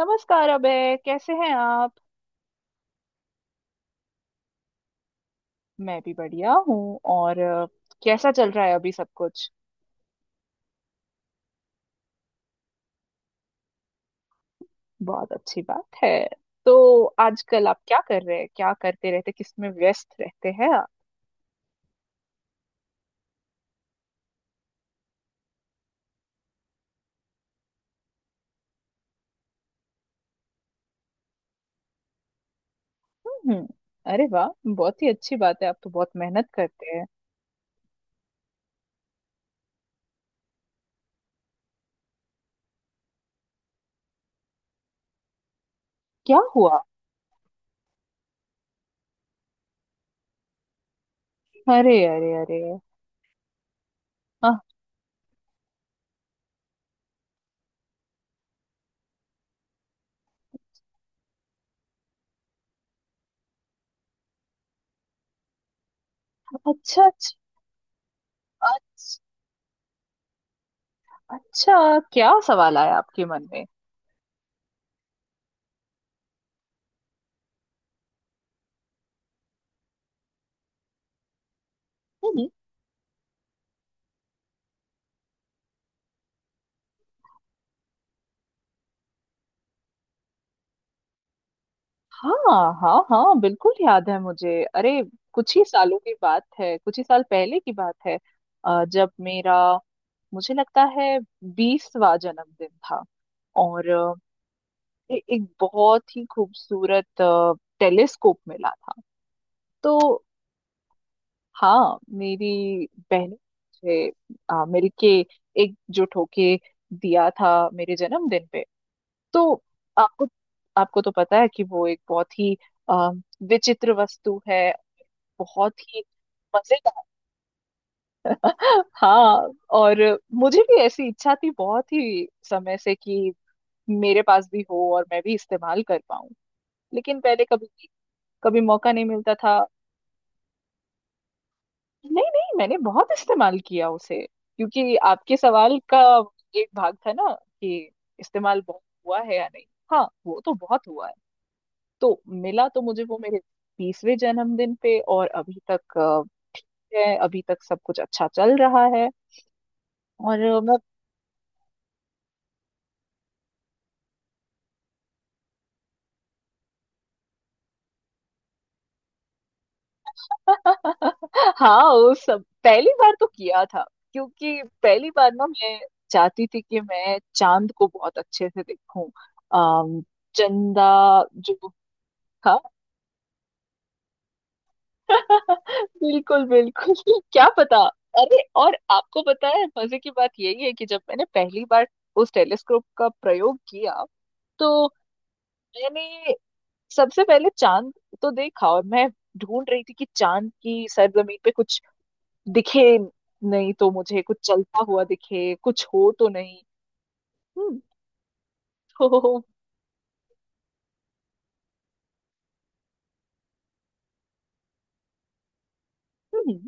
नमस्कार अबे। कैसे हैं आप? मैं भी बढ़िया हूँ। और कैसा चल रहा है अभी सब कुछ? बहुत अच्छी बात है। तो आजकल आप क्या कर रहे हैं, क्या करते रहते, किसमें व्यस्त रहते हैं आप? हम्म। अरे वाह, बहुत ही अच्छी बात है, आप तो बहुत मेहनत करते हैं। क्या हुआ? अरे अरे अरे! हाँ। अच्छा अच्छा अच्छा। अच्छा, क्या सवाल आया आपके मन में? हाँ हाँ हाँ, बिल्कुल याद है मुझे, अरे। कुछ ही सालों की बात है, कुछ ही साल पहले की बात है। जब मेरा, मुझे लगता है, 20वां जन्मदिन था। और एक बहुत ही खूबसूरत टेलीस्कोप मिला था, तो हाँ, मेरी बहन ने मुझे मिलके, एकजुट होके दिया था मेरे जन्मदिन पे, तो आपको आपको तो पता है कि वो एक बहुत ही अ, विचित्र वस्तु है। बहुत ही मजेदार। हाँ, और मुझे भी ऐसी इच्छा थी बहुत ही समय से कि मेरे पास भी हो और मैं भी इस्तेमाल कर पाऊं। लेकिन पहले कभी कभी मौका नहीं मिलता था। नहीं नहीं, मैंने बहुत इस्तेमाल किया उसे, क्योंकि आपके सवाल का एक भाग था ना, कि इस्तेमाल बहुत हुआ है या नहीं। हाँ, वो तो बहुत हुआ है। तो मिला तो मुझे वो मेरे 30वें जन्मदिन पे, और अभी तक ठीक है, अभी तक सब कुछ अच्छा चल रहा है। और मैं। हाँ, वो सब पहली बार तो किया था। क्योंकि पहली बार ना, मैं चाहती थी कि मैं चांद को बहुत अच्छे से देखूं। अम, चंदा जो था। बिल्कुल बिल्कुल। क्या पता। अरे, और आपको पता है, मजे की बात यही है कि जब मैंने पहली बार उस टेलीस्कोप का प्रयोग किया, तो मैंने सबसे पहले चांद तो देखा, और मैं ढूंढ रही थी कि चांद की सरजमीन पे कुछ दिखे, नहीं तो मुझे कुछ चलता हुआ दिखे, कुछ हो तो नहीं। हम्म। तो हम्म।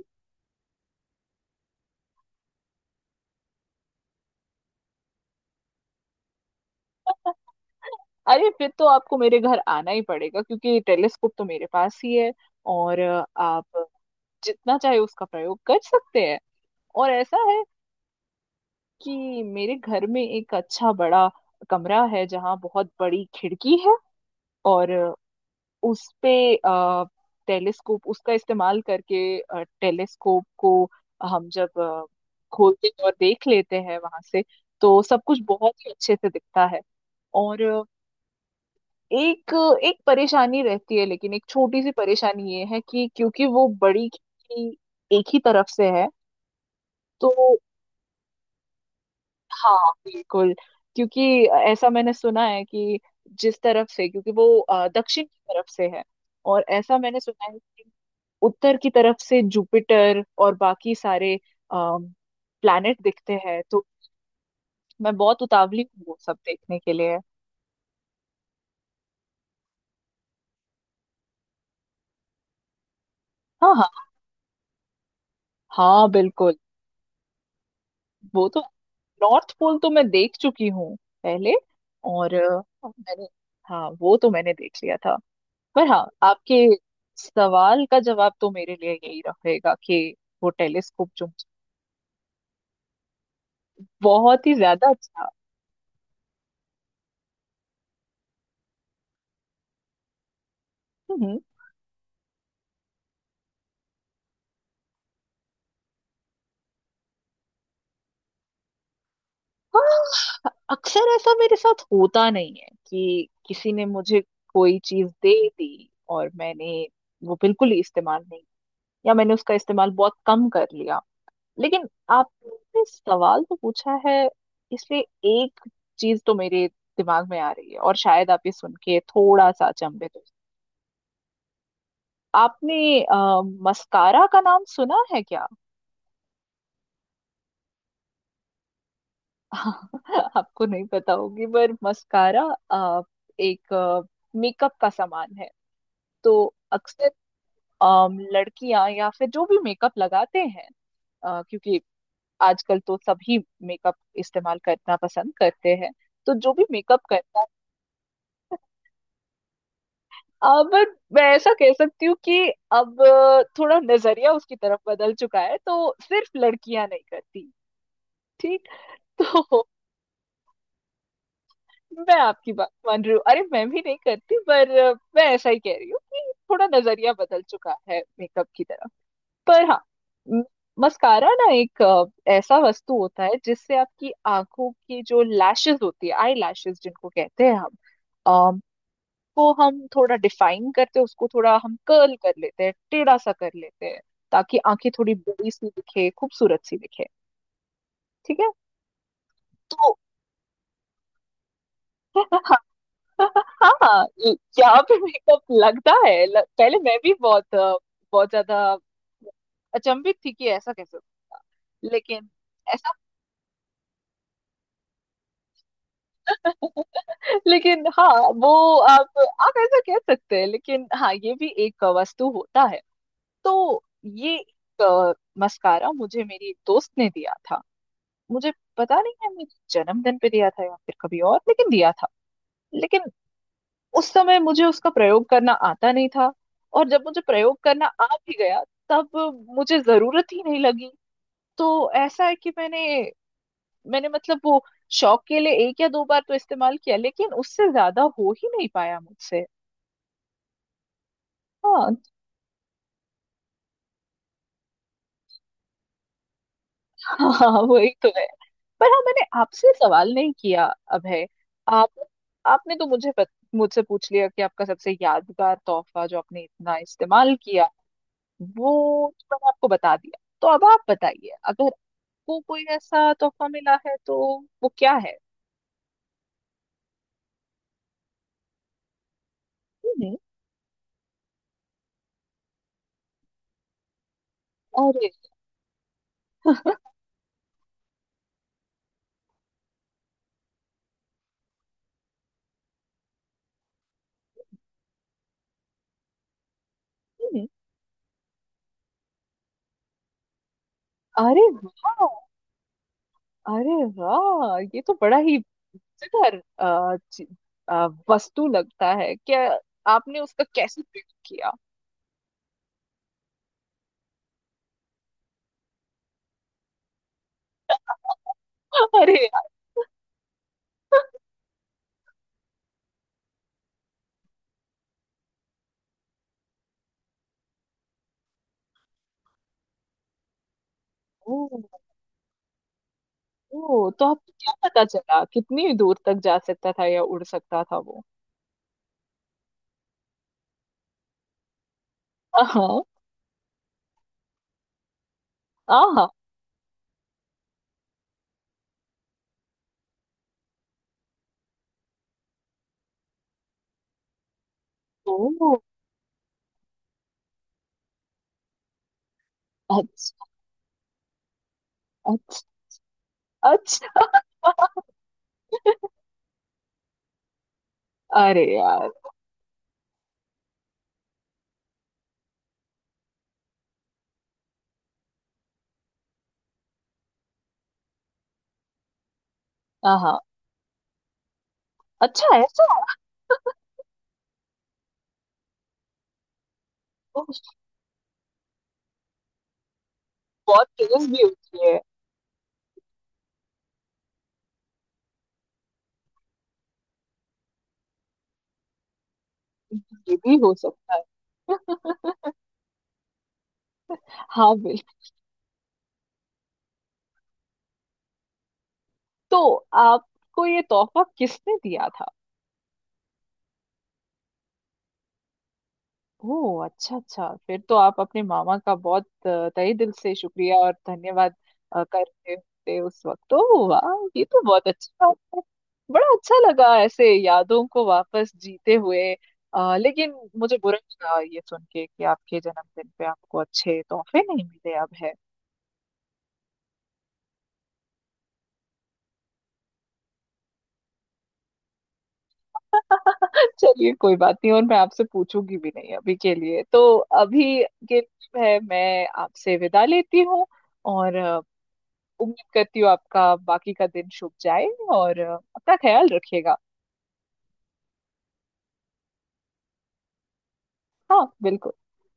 अरे, फिर तो आपको मेरे घर आना ही पड़ेगा, क्योंकि टेलीस्कोप तो मेरे पास ही है। और आप जितना चाहे उसका प्रयोग कर सकते हैं। और ऐसा है कि मेरे घर में एक अच्छा बड़ा कमरा है, जहाँ बहुत बड़ी खिड़की है। और उस पे अ, टेलीस्कोप, उसका इस्तेमाल करके, टेलीस्कोप को हम जब खोलते हैं और देख लेते हैं वहां से, तो सब कुछ बहुत ही अच्छे से दिखता है। और एक एक परेशानी रहती है, लेकिन एक छोटी सी परेशानी ये है कि क्योंकि वो बड़ी खिड़की एक ही तरफ से है। तो हाँ, बिल्कुल। क्योंकि ऐसा मैंने सुना है कि जिस तरफ से, क्योंकि वो दक्षिण की तरफ से है, और ऐसा मैंने सुना है, उत्तर की तरफ से जुपिटर और बाकी सारे प्लैनेट दिखते हैं, तो मैं बहुत उतावली हूँ वो सब देखने के लिए। हाँ हाँ हाँ, बिल्कुल। वो तो नॉर्थ पोल तो मैं देख चुकी हूँ पहले। और मैंने, हाँ वो तो मैंने देख लिया था। पर हाँ, आपके सवाल का जवाब तो मेरे लिए यही रहेगा कि वो टेलीस्कोप, जो बहुत ही ज्यादा अच्छा। हम्म। हाँ, अक्सर ऐसा मेरे साथ होता नहीं है कि किसी ने मुझे कोई चीज दे दी और मैंने वो बिल्कुल ही इस्तेमाल नहीं, या मैंने उसका इस्तेमाल बहुत कम कर लिया। लेकिन आपने सवाल तो पूछा है, इसलिए एक चीज तो मेरे दिमाग में आ रही है, और शायद आप ये सुन के थोड़ा सा अचंभित हो। आपने आ, मस्कारा का नाम सुना है क्या? आपको नहीं पता होगी, पर मस्कारा अ, एक मेकअप का सामान है। तो अक्सर लड़कियां, या फिर जो भी मेकअप लगाते हैं, क्योंकि आजकल तो सभी मेकअप इस्तेमाल करना पसंद करते हैं, तो जो भी मेकअप करता है, अब मैं ऐसा कह सकती हूँ कि अब थोड़ा नजरिया उसकी तरफ बदल चुका है, तो सिर्फ लड़कियां नहीं करती। ठीक। तो मैं आपकी बात मान रही हूँ। अरे, मैं भी नहीं करती, पर मैं ऐसा ही कह रही हूँ कि थोड़ा नजरिया बदल चुका है मेकअप की तरफ। पर हाँ, मस्कारा ना एक ऐसा वस्तु होता है, जिससे आपकी आंखों की जो लैशेस होती है, आई लैशेस जिनको कहते हैं हम, अम, को हम थोड़ा डिफाइन करते हैं, उसको थोड़ा हम कर्ल कर लेते हैं, टेढ़ा सा कर लेते हैं, ताकि आंखें थोड़ी बड़ी सी दिखे, खूबसूरत सी दिखे। ठीक है। तो हाँ, यहाँ पे मेकअप लगता है। पहले मैं भी बहुत बहुत ज्यादा अचंभित थी कि ऐसा कैसे। लेकिन ऐसा। लेकिन हाँ, वो, आप ऐसा कह सकते हैं, लेकिन हाँ, ये भी एक वस्तु होता है। तो ये एक मस्कारा मुझे मेरी एक दोस्त ने दिया था। मुझे पता नहीं है, मेरे जन्मदिन पे दिया था या फिर कभी और, लेकिन दिया था। लेकिन उस समय मुझे उसका प्रयोग करना आता नहीं था। और जब मुझे प्रयोग करना आ भी गया, तब मुझे जरूरत ही नहीं लगी। तो ऐसा है कि मैंने मैंने मतलब वो शौक के लिए एक या दो बार तो इस्तेमाल किया, लेकिन उससे ज्यादा हो ही नहीं पाया मुझसे। हाँ। हाँ वही तो है। पर हाँ, मैंने आपसे सवाल नहीं किया, अभय। आप आपने तो मुझसे पूछ लिया कि आपका सबसे यादगार तोहफा, जो आपने इतना इस्तेमाल किया, वो तो मैंने आपको बता दिया। तो अब आप बताइए, अगर आपको कोई ऐसा तोहफा मिला है तो वो क्या है? हम्म। अरे, हम्म। अरे वाह! अरे वाह, ये तो बड़ा ही मजेदार अ, वस्तु लगता है क्या? आपने उसका कैसे प्रयोग किया? अरे। ओ। ओ, तो आपको क्या पता चला, कितनी दूर तक जा सकता था या उड़ सकता था वो? हाँ हाँ। ओ, अच्छा अच्छा अच्छा। अरे यार! हाँ, अच्छा ऐसा। ओ, बहुत तेज भी होती है। ये भी हो सकता है। हाँ, बिल तो आपको ये तोहफा किसने दिया था? ओह, अच्छा अच्छा, फिर तो आप अपने मामा का बहुत तहे दिल से शुक्रिया और धन्यवाद करते थे उस वक्त। तो वाह, ये तो बहुत अच्छा बात है। बड़ा अच्छा लगा ऐसे यादों को वापस जीते हुए। लेकिन मुझे बुरा लगा ये सुन के कि आपके जन्मदिन पे आपको अच्छे तोहफे नहीं मिले, अब है। चलिए, कोई बात नहीं, और मैं आपसे पूछूंगी भी नहीं अभी के लिए। तो अभी के लिए है, मैं आपसे विदा लेती हूँ। और उम्मीद करती हूँ आपका बाकी का दिन शुभ जाए। और अपना ख्याल रखिएगा। हाँ बिल्कुल।